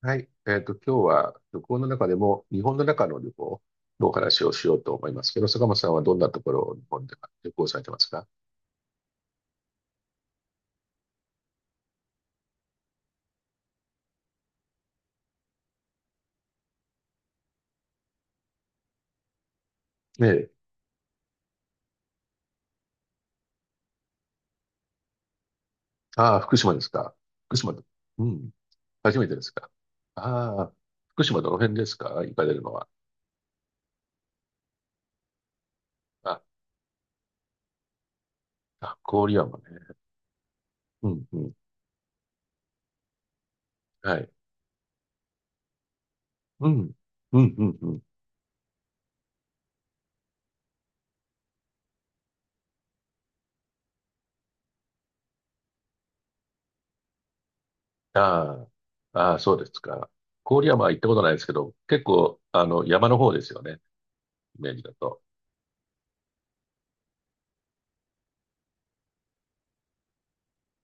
はい。今日は旅行の中でも、日本の中の旅行のお話をしようと思いますけど、坂本さんはどんなところを日本で旅行されてますか？ねえ。ああ、福島ですか。福島、うん、初めてですか。ああ、福島どの辺ですか行かれるのは。あ、あ、郡山ね。うん、うん、はい。うん、うん、うん、うん。ああ、ああ、そうですか。郡山は行ったことないですけど、結構、山の方ですよね。イメージだと。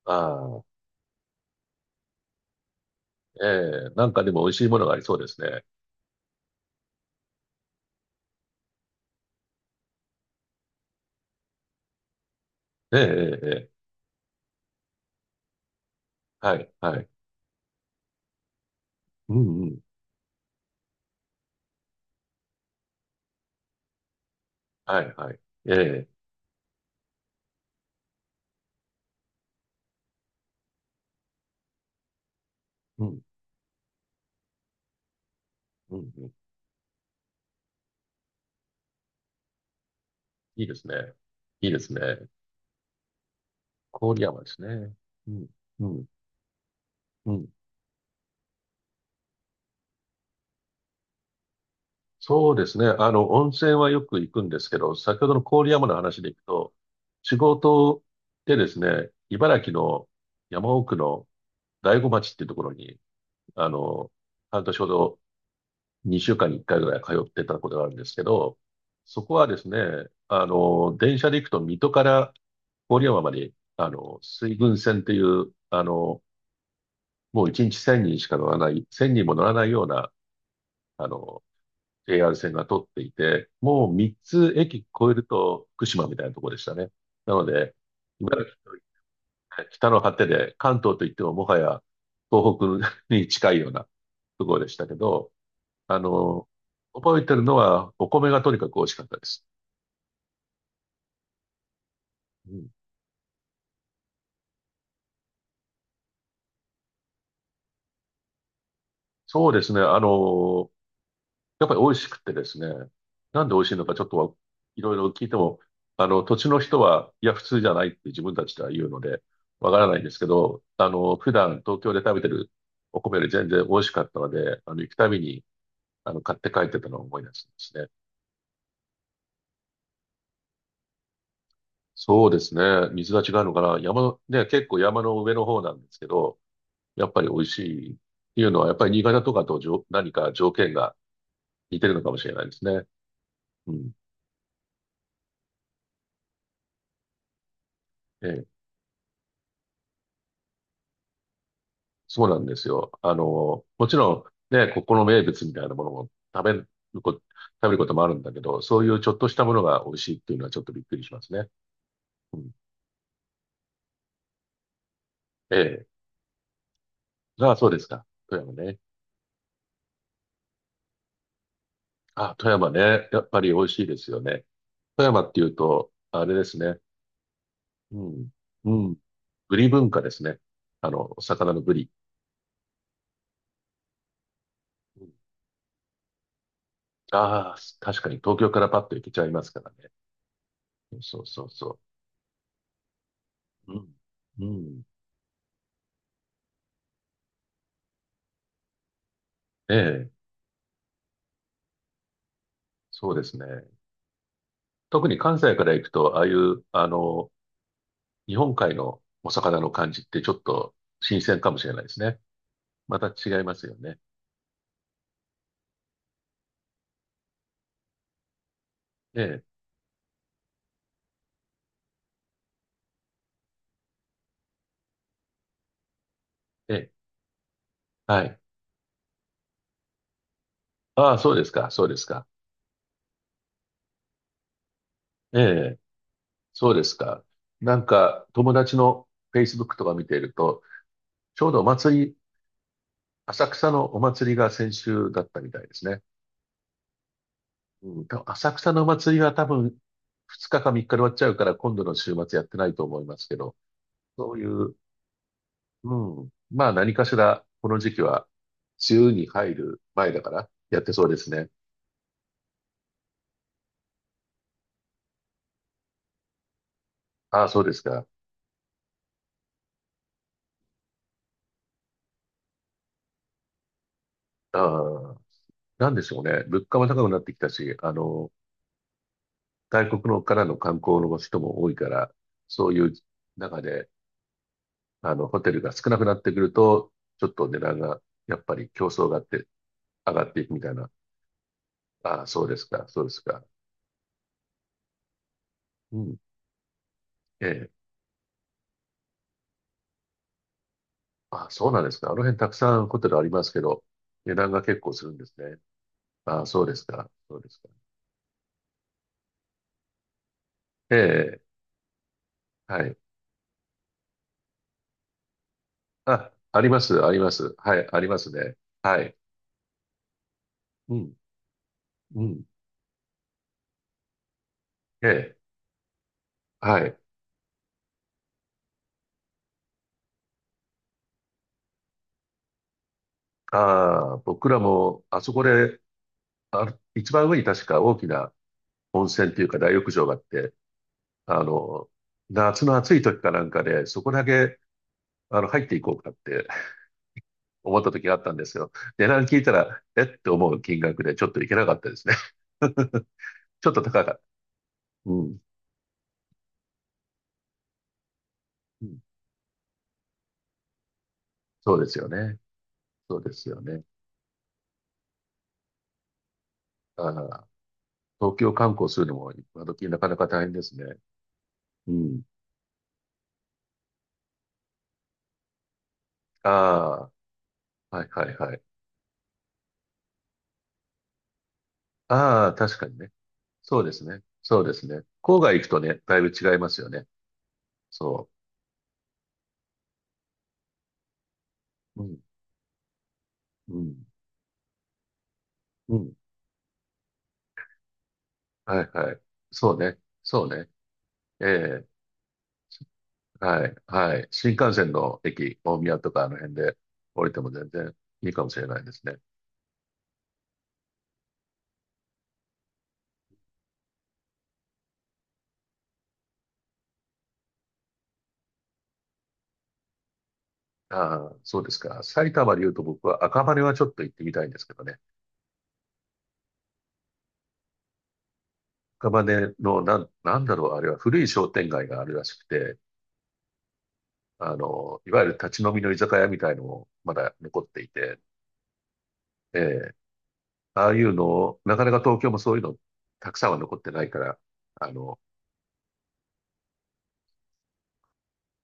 ああ、ええ、なんかでも美味しいものがありそうですね。ええ、ええ、ええ、はい、はい。うん、うん。はい、はい。ええ、うん、うん、うん。いいですね。いいですね。郡山ですね。うん、うん、うん。そうですね。温泉はよく行くんですけど、先ほどの郡山の話でいくと、仕事でですね、茨城の山奥の大子町っていうところに、あの、半年ほど2週間に1回ぐらい通ってたことがあるんですけど、そこはですね、電車で行くと水戸から郡山まで、水郡線っていう、もう1日1000人しか乗らない、1000人も乗らないような、あの、AR 線が通っていて、もう3つ駅越えると福島みたいなところでしたね。なので、茨城と北の果てで関東といってももはや東北に近いようなところでしたけど、あの、覚えてるのは、お米がとにかく美味しかったです。うん。そうですね。やっぱり美味しくてですね。なんで美味しいのかちょっとはいろいろ聞いても、土地の人は、いや、普通じゃないって自分たちでは言うので、わからないんですけど、普段東京で食べてるお米より全然美味しかったので、行くたびに、買って帰ってたのを思い出すんですね。そうですね。水が違うのかな。山の、ね、結構山の上の方なんですけど、やっぱり美味しいっていうのは、やっぱり新潟とかと何か条件が似てるのかもしれないですね。うん。ええ、そうなんですよ。もちろんね、ここの名物みたいなものも食べる食べることもあるんだけど、そういうちょっとしたものが美味しいっていうのはちょっとびっくりしますね。うん。ええ。ああ、そうですか。富山ね。あ、富山ね。やっぱり美味しいですよね。富山っていうと、あれですね。うん。うん。ブリ文化ですね。お魚のブリ。ああ、確かに東京からパッと行けちゃいますからね。そうそうそう。うん。うん。ええ、そうですね。特に関西から行くと、ああいう、日本海のお魚の感じってちょっと新鮮かもしれないですね。また違いますよね。ええ、ええ、はい。ああ、そうですか、そうですか。ええ、そうですか。なんか、友達の Facebook とか見ていると、ちょうどお祭り、浅草のお祭りが先週だったみたいですね。うん、多分浅草のお祭りは多分2日か3日で終わっちゃうから今度の週末やってないと思いますけど、そういう、うん、まあ何かしらこの時期は梅雨に入る前だからやってそうですね。ああ、そうですか。ああ、なんでしょうね。物価も高くなってきたし、外国のからの観光の人も多いから、そういう中で、ホテルが少なくなってくると、ちょっと値段が、やっぱり競争があって、上がっていくみたいな。ああ、そうですか、そうですか。うん。ええ。あ、そうなんですか。あの辺たくさんホテルありますけど、値段が結構するんですね。あ、そうですか。そうですか。ええ、はい。あ、あります、あります。はい、ありますね。はい。うん、うん。ええ、はい。ああ、僕らも、あそこで、あ、一番上に確か大きな温泉というか大浴場があって、あの、夏の暑い時かなんかで、そこだけ、入っていこうかって思った時があったんですよ。値段聞いたら、えって思う金額でちょっといけなかったですね。ちょっと高かった。うん。うん、そうですよね。そうですよね。ああ、東京観光するのも今時なかなか大変ですね。うん。ああ、はいはいはい。ああ、確かにね。そうですね。そうですね。郊外行くとね、だいぶ違いますよね。そう。うん、うん、うん。はいはい。そうね。そうね。ええ、はい、はい。新幹線の駅、大宮とかあの辺で降りても全然いいかもしれないですね。ああ、そうですか。埼玉で言うと僕は赤羽はちょっと行ってみたいんですけどね。赤羽のなんだろう、あれは古い商店街があるらしくて、いわゆる立ち飲みの居酒屋みたいのもまだ残っていて、ええ、ああいうのを、なかなか東京もそういうのたくさんは残ってないから、あの、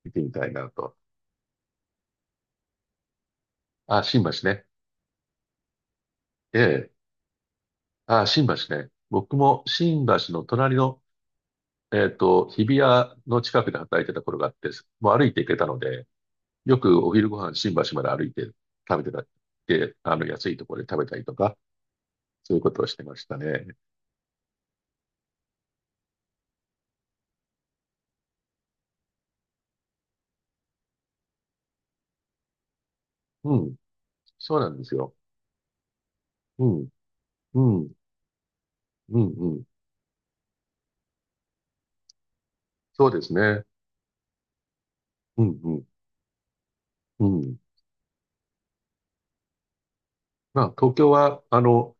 見てみたいなと。ああ、新橋ね。ええ、ああ、新橋ね。僕も新橋の隣の日比谷の近くで働いてた頃があって、もう歩いて行けたので、よくお昼ご飯新橋まで歩いて食べてたって、安いところで食べたりとか、そういうことをしてましたね。うん、そうなんですよ。うん、うん、うん、うん。そうですね。うん、うん、うん。まあ、東京は、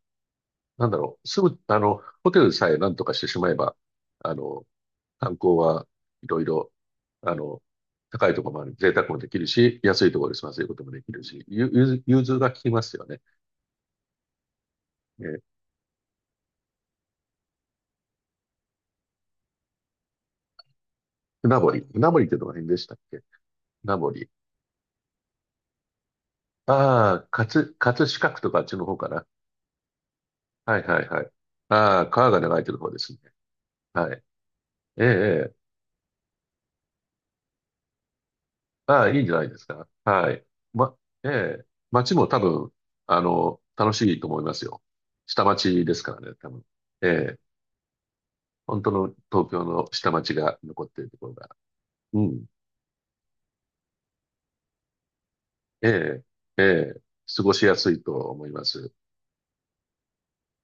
なんだろう、すぐ、ホテルさえなんとかしてしまえば、あの、観光はいろいろ、あの、高いところもある、贅沢もできるし、安いところで済ませることもできるし、融通が効きますよね。えー、船堀。船堀ってどの辺でしたっけ？船堀。ああ、葛飾区とかあっちの方かな。はいはいはい。ああ、川が流れてる方ですね。はい。ええ、ええ。ああ、いいんじゃないですか。はい。ま、ええ、街も多分、楽しいと思いますよ。下町ですからね、多分。ええ。本当の東京の下町が残っているところが。うん。ええ、ええ、過ごしやすいと思います。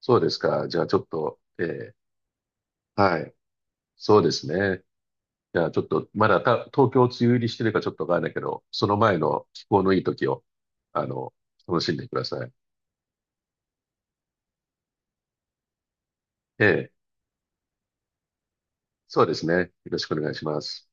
そうですか。じゃあちょっと、ええ、はい。そうですね。じゃあちょっと、まだ東京梅雨入りしてるかちょっとわからないけど、その前の気候のいい時を、あの、楽しんでください。ええ、そうですね。よろしくお願いします。